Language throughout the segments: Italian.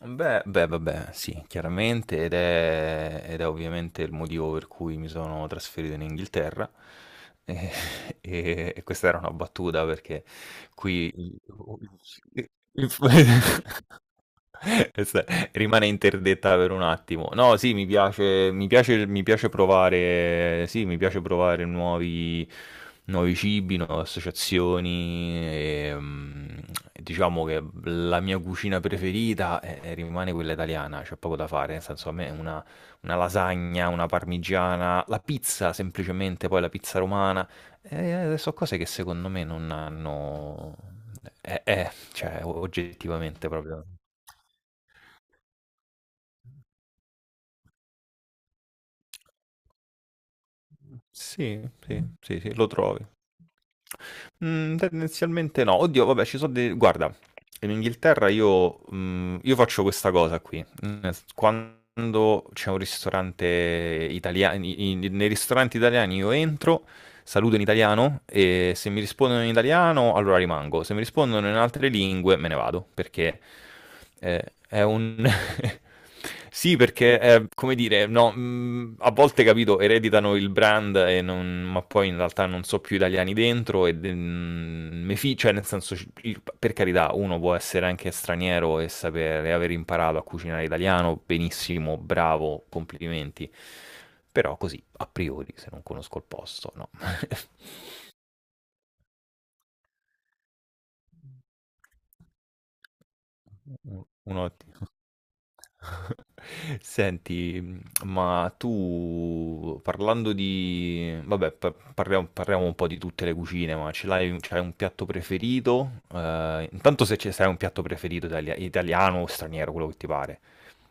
Beh, beh, vabbè, sì, chiaramente ed è ovviamente il motivo per cui mi sono trasferito in Inghilterra. E, e questa era una battuta perché qui il questa rimane interdetta per un attimo. No, sì, mi piace, mi piace, mi piace provare, sì, mi piace provare nuovi cibi, nuove associazioni. Diciamo che la mia cucina preferita rimane quella italiana, c'è poco da fare. Nel senso, a me una lasagna, una parmigiana, la pizza semplicemente, poi la pizza romana. Sono cose che secondo me non hanno... cioè, oggettivamente proprio. Sì, sì, sì, sì, lo trovi. Mhmm, tendenzialmente no. Oddio, vabbè, ci so' de guarda, in Inghilterra io io faccio questa cosa qui, nel s quando c'è un ristorante italia i i nei ristoranti italiani io entro, saluto in italiano, e se mi rispondono in italiano allora rimango, se mi rispondono in altre lingue me ne vado, perché, ehm, è un sì, perché, come dire, no, a volte, capito, ereditano il brand e non, ma poi in realtà non so più italiani dentro e de mhmm, me fi cioè nel senso c il per carità, uno può essere anche straniero e sapere aver imparato a cucinare italiano, benissimo, bravo, complimenti. Però così, a priori, se non conosco il posto, no. U uno ottimo. Senti, ma tu parlando di vabbè pa parliamo un po' di tutte le cucine, ma ce l'hai c'hai un piatto preferito? Intanto se ce se hai un piatto preferito italiano o straniero, quello che ti pare.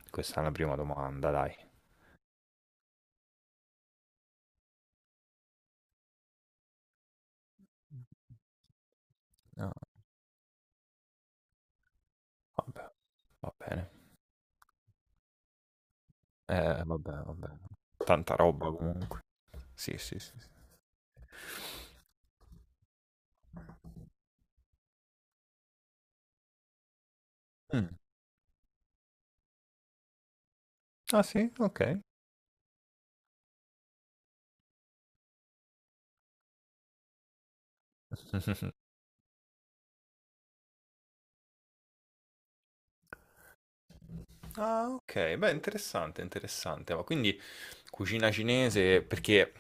Questa è una prima domanda, dai. No. Vabbè, va bene. Vabbè, vabbè. Tanta roba comunque. Sì, sì, sì, sì. Mh. Ah sì? Okay. Ah, ok, beh, interessante, interessante. Ma quindi cucina cinese, perché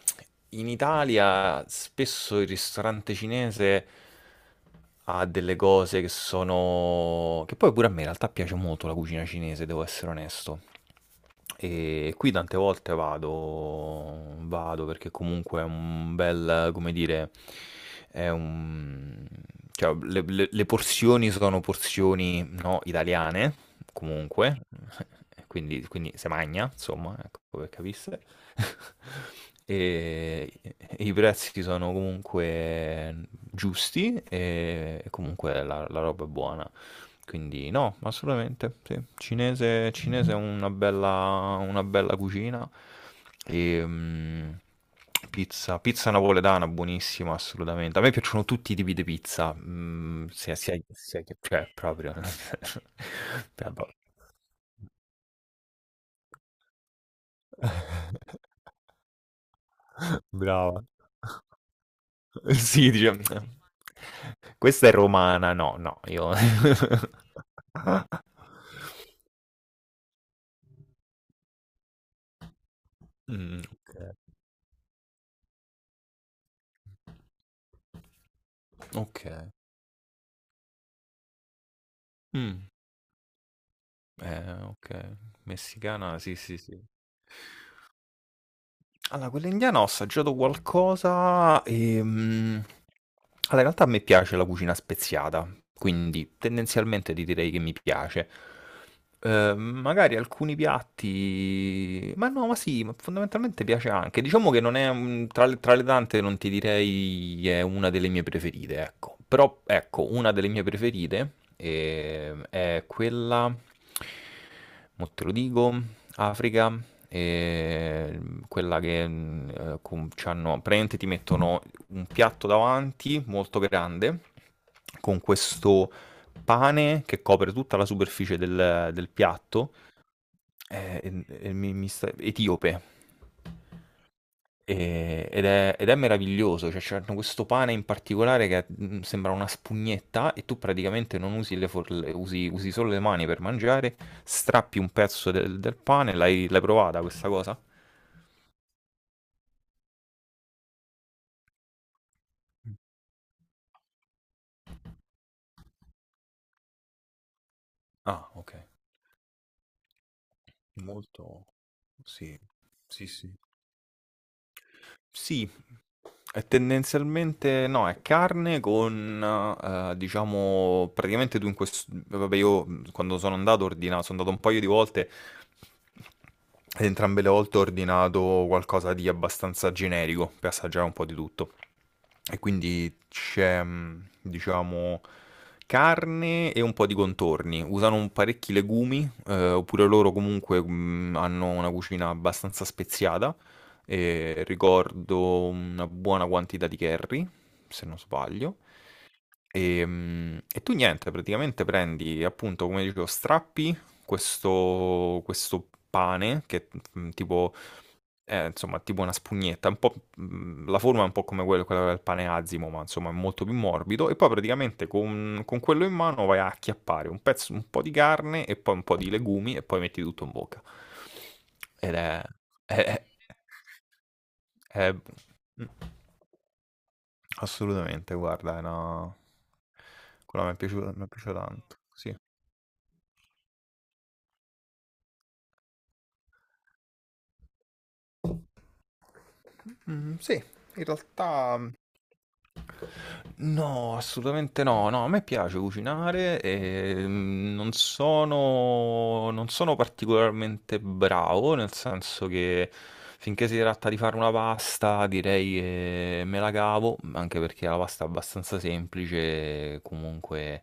in Italia spesso il ristorante cinese ha delle cose che sono... Che poi pure a me in realtà piace molto la cucina cinese, devo essere onesto. E qui tante volte vado perché comunque è un bel come dire, è un cioè le porzioni sono porzioni, no, italiane comunque, e quindi se magna insomma, ecco pe' capisse. E i prezzi sono comunque giusti e comunque la roba è buona. Quindi no, assolutamente, sì. Cinese, cinese è una bella cucina. E, mm, pizza, pizza napoletana, buonissima, assolutamente. A me piacciono tutti i tipi di pizza, mm, sia che, cioè, proprio. Vabbè. Brava. Sì, dice, questa è romana, no, no, io... Mm, ok. Ok. Mm. Okay. Messicana, sì, sì, sì. Allora, quella indiana ho assaggiato qualcosa allora, in realtà a me piace la cucina speziata, quindi tendenzialmente ti direi che mi piace. Magari alcuni piatti... Ma no, ma sì, ma fondamentalmente piace anche. Diciamo che non è... un- tra tra le tante non ti direi è una delle mie preferite, ecco. Però, ecco, una delle mie preferite è quella... Mo te lo dico, Africa quella che c'hanno- praticamente ti mettono un piatto davanti molto grande con questo pane che copre tutta la superficie del piatto etiope. Ed è meraviglioso, cioè c'hanno questo pane in particolare che sembra una spugnetta e tu praticamente non usi le forle, usi solo le mani per mangiare, strappi un pezzo del pane, l'hai provata questa cosa? Ah, okay. Molto sì, sì, sì. Sì, è tendenzialmente no, è carne con, diciamo, praticamente tu in questo... Vabbè, io quando sono andato ordinato, sono andato un paio di volte ed entrambe le volte ho ordinato qualcosa di abbastanza generico per assaggiare un po' di tutto. E quindi c'è, diciamo, carne e un po' di contorni. Usano parecchi legumi, oppure loro comunque hanno una cucina abbastanza speziata. E ricordo una buona quantità di curry, se non sbaglio. E tu niente, praticamente prendi appunto, come dicevo, strappi questo pane che mm, tipo, è, insomma, tipo una spugnetta, un po', mm, la forma è un po' come quella del pane azimo, ma insomma è molto più morbido. E poi praticamente con quello in mano vai a acchiappare un pezzo, un po' di carne e poi un po' di legumi e poi metti tutto in bocca. Ed è- eh, mh, assolutamente, guarda, è una... Quella mi è piaciuta tanto, sì. Mm, sì, in realtà... No, assolutamente no. No, a me piace cucinare e mm, non sono, non sono particolarmente bravo, nel senso che finché si tratta di fare una pasta, direi che me la cavo, anche perché la pasta è abbastanza semplice, comunque,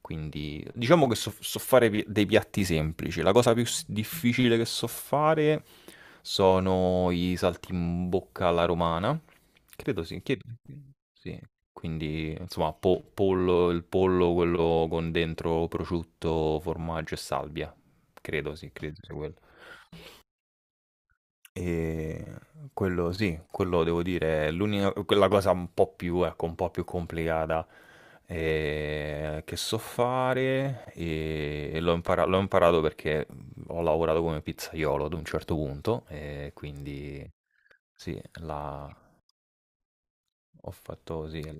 quindi diciamo che so, so fare dei piatti semplici. La cosa più difficile che so fare sono i salti in bocca alla romana. Credo sì, chiedi. Sì, quindi, insomma, po pollo il pollo quello con dentro prosciutto, formaggio e salvia. Credo, sì, credo sia quello. Quello sì, quello devo dire è l'unica quella cosa un po' più ecco, un po' più complicata, che so fare, e l'ho imparato perché, ho lavorato come pizzaiolo ad un certo punto, quindi sì, la ho fatto sì l.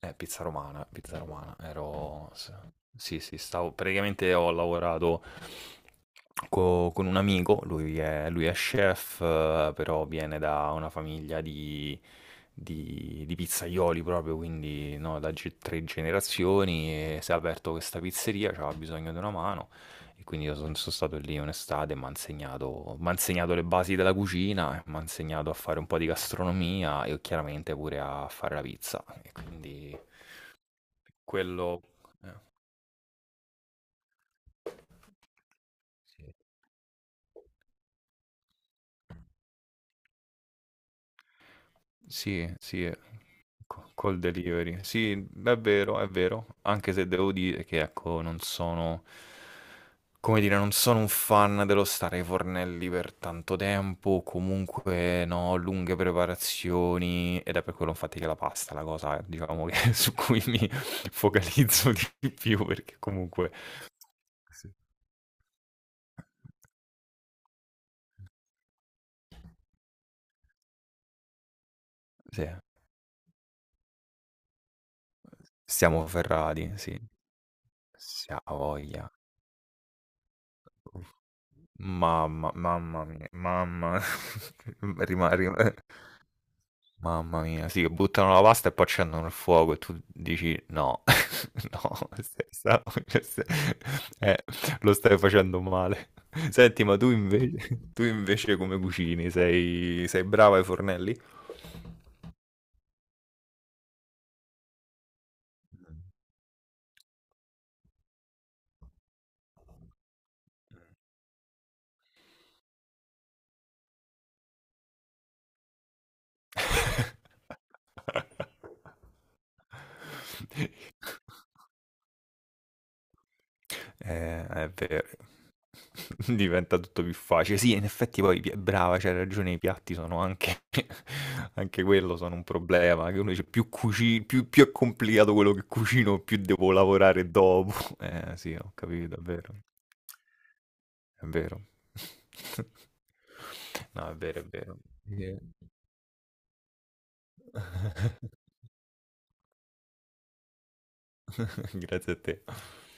Pizza romana, ero... Sì, sì, stavo... Praticamente ho lavorato con un amico, lui è chef, però viene da una famiglia di, di pizzaioli proprio, quindi no, da tre generazioni e si è aperto questa pizzeria, c'aveva bisogno di una mano e quindi sono stato lì un'estate, mi ha insegnato, m'ha insegnato le basi della cucina, mi ha insegnato a fare un po' di gastronomia e chiaramente pure a fare la pizza. E quindi quello... eh. Sì. Sì, sì, co col delivery. Sì, è vero, anche se devo dire che, ecco, non sono come dire, non sono un fan dello stare ai fornelli per tanto tempo, comunque, no, lunghe preparazioni, ed è per quello infatti che la pasta è la cosa, diciamo, che su cui mi focalizzo di più perché comunque sì. Sì, siamo ferrati, sì, se ha voglia. Mamma mia, mamma rima rim mamma mia, sì, buttano la pasta e poi accendono il fuoco e tu dici: "No, no, se sa se eh, lo stai facendo male". Senti, ma tu invece tu invece come cucini? Sei brava ai fornelli? È vero. Diventa tutto più facile. Sì, in effetti poi brava, c'hai ragione, i piatti sono anche anche quello sono un problema, che uno dice più cuci più è complicato quello che cucino, più devo lavorare dopo. Eh sì, ho capito, è vero, è vero. No, è vero, è vero. Eh, grazie a te.